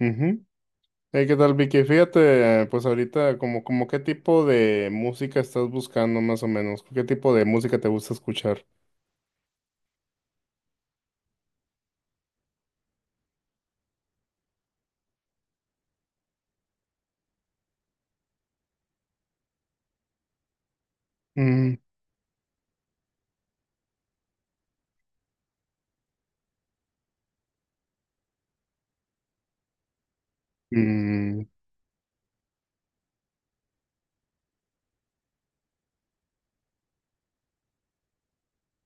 Ujú. ¿Qué tal, Vicky? Fíjate, pues ahorita, como qué tipo de música estás buscando más o menos, qué tipo de música te gusta escuchar. Mm. Mm.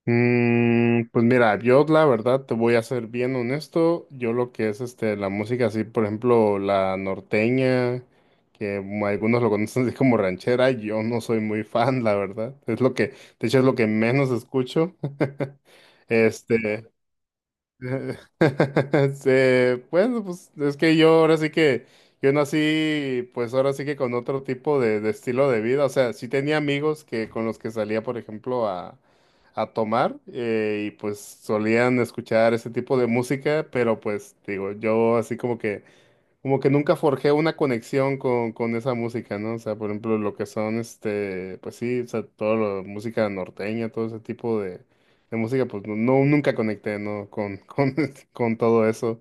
Mm, pues mira, yo la verdad te voy a ser bien honesto. Yo lo que es este la música así, por ejemplo, la norteña, que algunos lo conocen así como ranchera, yo no soy muy fan, la verdad. Es lo que, de hecho, es lo que menos escucho. Este, este, bueno, pues es que yo ahora sí que, yo nací, pues ahora sí que con otro tipo de estilo de vida, o sea, sí tenía amigos que con los que salía, por ejemplo, a tomar y pues solían escuchar ese tipo de música, pero pues digo, yo así como que nunca forjé una conexión con esa música, ¿no? O sea, por ejemplo, lo que son, este, pues sí, o sea, toda la música norteña, todo ese tipo de música, pues no, nunca conecté, ¿no? Con, con todo eso.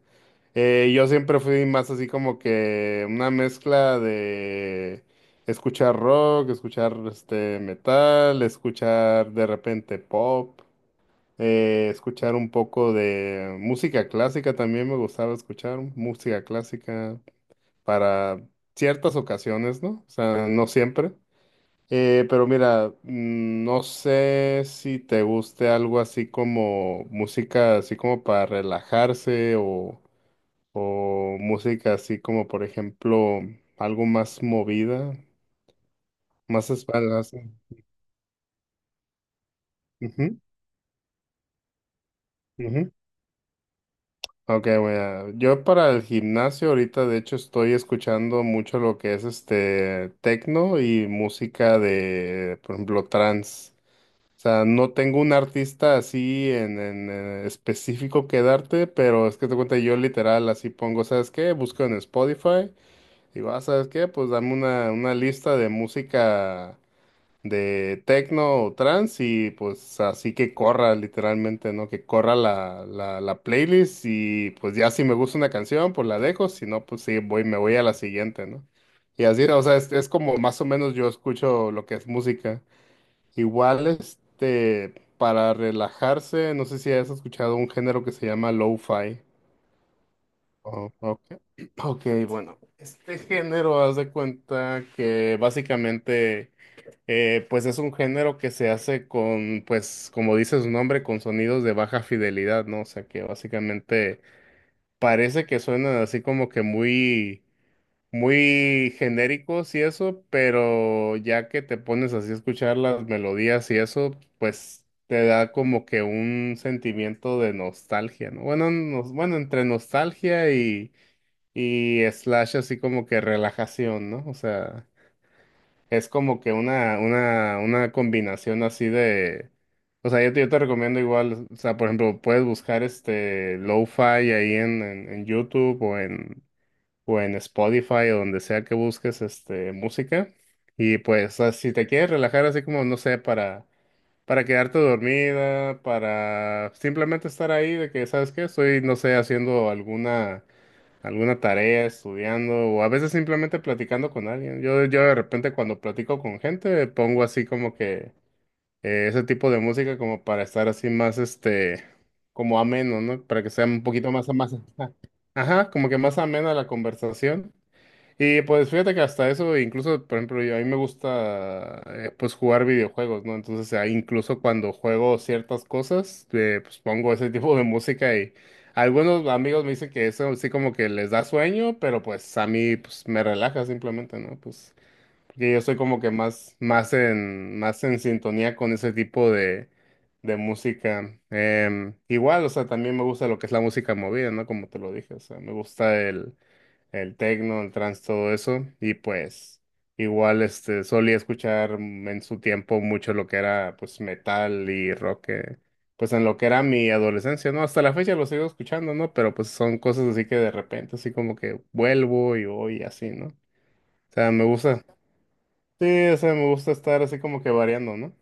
Yo siempre fui más así como que una mezcla de escuchar rock, escuchar, este, metal, escuchar de repente pop, escuchar un poco de música clásica, también me gustaba escuchar música clásica para ciertas ocasiones, ¿no? O sea, no siempre. Pero mira, no sé si te guste algo así como música, así como para relajarse o música así como, por ejemplo, algo más movida, más espaldas. Ujú, ujú. Ok, bueno, yo para el gimnasio ahorita de hecho estoy escuchando mucho lo que es este tecno y música de, por ejemplo, trance. O sea, no tengo un artista así en, específico que darte, pero es que te cuenta, yo literal así pongo, ¿sabes qué? Busco en Spotify, digo, ah, ¿sabes qué? Pues dame una, lista de música de techno o trance y pues así que corra literalmente, ¿no? Que corra la playlist y pues ya si me gusta una canción, pues la dejo, si no, pues sí, voy, me voy a la siguiente, ¿no? Y así, o sea, es como más o menos yo escucho lo que es música. Igual, este, para relajarse, no sé si has escuchado un género que se llama lo-fi. Oh, ok. Ok, bueno, este género, haz de cuenta que básicamente, pues es un género que se hace con, pues, como dice su nombre, con sonidos de baja fidelidad, ¿no? O sea, que básicamente parece que suenan así como que muy muy genéricos y eso, pero ya que te pones así a escuchar las melodías y eso, pues te da como que un sentimiento de nostalgia, ¿no? Bueno, bueno, entre nostalgia y slash así como que relajación, ¿no? O sea, es como que una combinación así de... O sea, yo te recomiendo igual, o sea, por ejemplo, puedes buscar este lo-fi ahí en YouTube o o en Spotify o donde sea que busques este música. Y pues ah, si te quieres relajar así como, no sé, para quedarte dormida, para simplemente estar ahí de que, ¿sabes qué? Estoy, no sé, haciendo alguna, alguna tarea, estudiando o a veces simplemente platicando con alguien. Yo de repente cuando platico con gente pongo así como que ese tipo de música como para estar así más este, como ameno, ¿no? Para que sea un poquito más, más, ajá, como que más amena la conversación. Y pues fíjate que hasta eso, incluso, por ejemplo, a mí me gusta pues jugar videojuegos, ¿no? Entonces, ahí incluso cuando juego ciertas cosas, pues pongo ese tipo de música y algunos amigos me dicen que eso sí como que les da sueño, pero pues a mí pues me relaja simplemente, ¿no? Pues porque yo soy como que más, más en sintonía con ese tipo de música. Igual, o sea, también me gusta lo que es la música movida, ¿no? Como te lo dije, o sea, me gusta el tecno, el trance, todo eso. Y pues igual este solía escuchar en su tiempo mucho lo que era pues metal y rock, pues en lo que era mi adolescencia, ¿no? Hasta la fecha lo sigo escuchando, ¿no? Pero pues son cosas así que de repente así como que vuelvo y voy y así, ¿no? O sea, me gusta, sí, o sea, me gusta estar así como que variando, ¿no?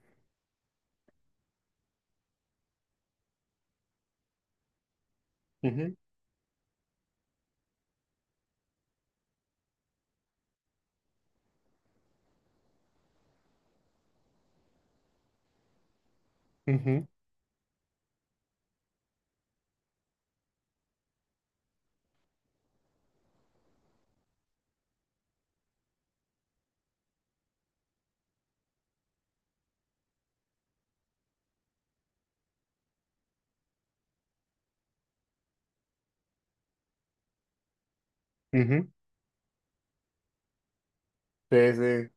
Ujú, ujú, ujú. Sí, sí,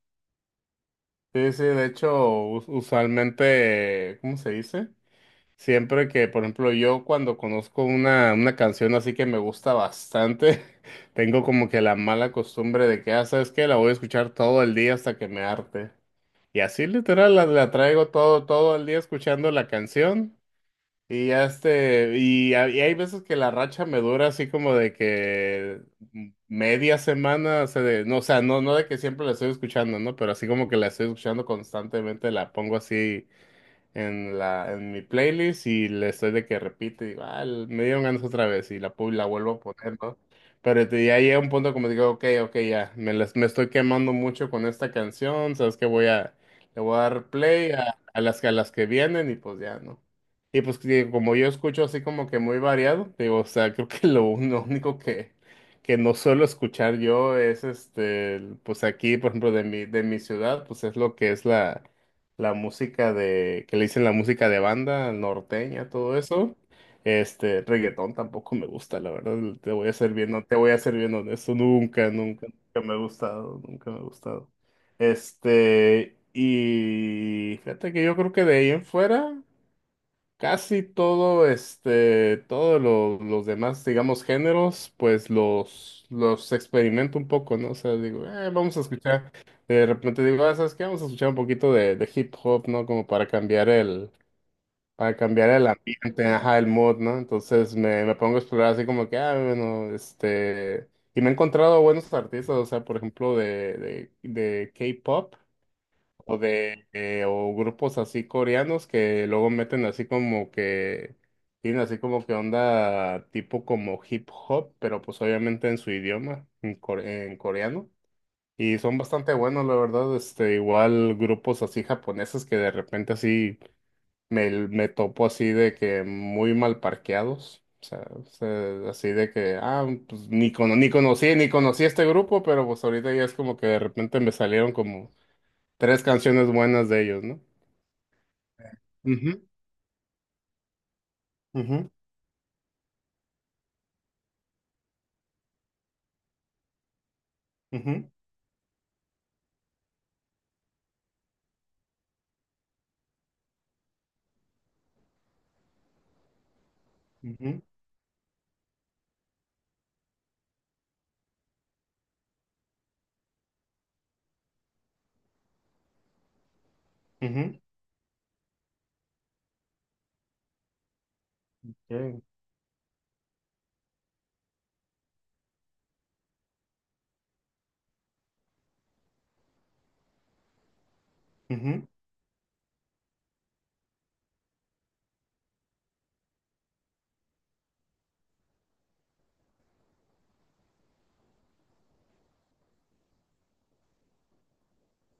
sí, sí, de hecho, usualmente, ¿cómo se dice? Siempre que, por ejemplo, yo cuando conozco una canción así que me gusta bastante, tengo como que la mala costumbre de que, ah, ¿sabes qué? La voy a escuchar todo el día hasta que me harte. Y así literal la traigo todo, todo el día escuchando la canción. Y ya este, y hay veces que la racha me dura así como de que media semana, o sea, no, o sea, no, no de que siempre la estoy escuchando, ¿no? Pero así como que la estoy escuchando constantemente, la pongo así en mi playlist y le estoy de que repite, digo, ah, me dieron ganas otra vez y la, la vuelvo a poner, ¿no? Pero ya llega un punto como digo, ok, ok, ya, me estoy quemando mucho con esta canción, sabes que voy a, le voy a dar play a, a las que vienen y pues ya, ¿no? Y pues que como yo escucho así como que muy variado, digo, o sea, creo que lo único que no suelo escuchar yo es este, pues aquí, por ejemplo, de mi ciudad, pues es lo que es la música de, que le dicen la música de banda, norteña, todo eso. Este, reggaetón tampoco me gusta, la verdad, te voy a ser bien, no, te voy a ser bien honesto, nunca, nunca, nunca me ha gustado, nunca me ha gustado. Este, y fíjate que yo creo que de ahí en fuera. Casi todo, este, todos los demás, digamos, géneros, pues los experimento un poco, ¿no? O sea, digo, vamos a escuchar, de repente digo, ah, ¿sabes qué? Vamos a escuchar un poquito de hip hop, ¿no? Como para cambiar el ambiente, ajá, el mood, ¿no? Entonces me pongo a explorar así como que, ah, bueno, este, y me he encontrado buenos artistas, o sea, por ejemplo, de K-pop. O grupos así coreanos que luego meten así como que, tienen así como que onda tipo como hip hop, pero pues obviamente en su idioma, en, en coreano. Y son bastante buenos, la verdad, este, igual grupos así japoneses que de repente así me, me topo así de que muy mal parqueados. O sea, así de que, ah, pues ni, ni conocí, ni conocí este grupo, pero pues ahorita ya es como que de repente me salieron como tres canciones buenas de ellos, ¿no? Ujú, ujú, ujú, ujú, ujú. Bien. Ujú,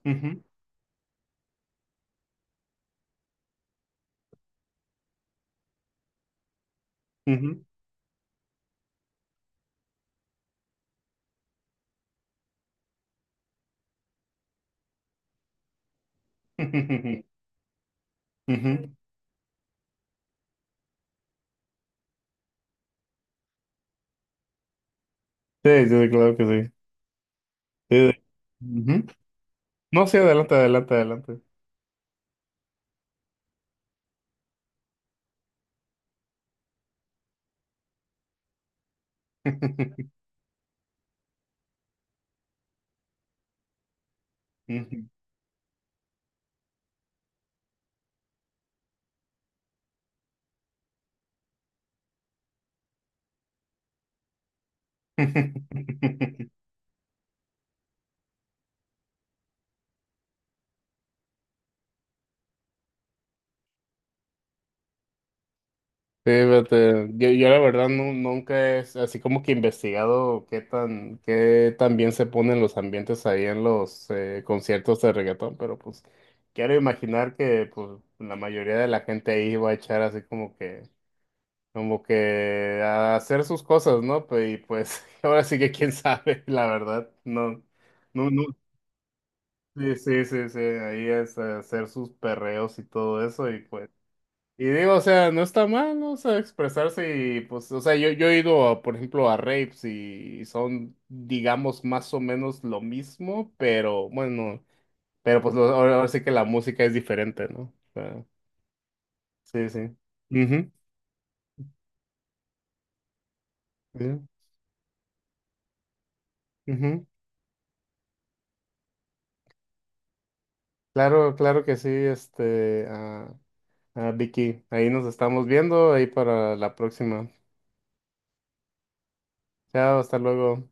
ujú, ujú. Ujú. Sí, sí, claro que sí. Sí, sí. Ujú. No, sí, adelante, adelante, adelante. Ujú. Sí, fíjate, yo la verdad nunca es así como que investigado qué tan bien se ponen los ambientes ahí en los conciertos de reggaetón, pero pues quiero imaginar que pues la mayoría de la gente ahí va a echar así como que a hacer sus cosas, ¿no? Pues, y pues ahora sí que quién sabe, la verdad, no, no, no, sí, sí, sí, sí, ahí es hacer sus perreos y todo eso y pues. Y digo, o sea, no está mal, ¿no? O sea, expresarse y pues, o sea, yo he ido, a, por ejemplo, a rapes y son, digamos, más o menos lo mismo, pero bueno, pero pues ahora sí que la música es diferente, ¿no? O sea, sí, sí. Ujú, sí, ujú. Claro, claro que sí, este, ah, ah, Vicky, ahí nos estamos viendo, ahí para la próxima. Chao, hasta luego.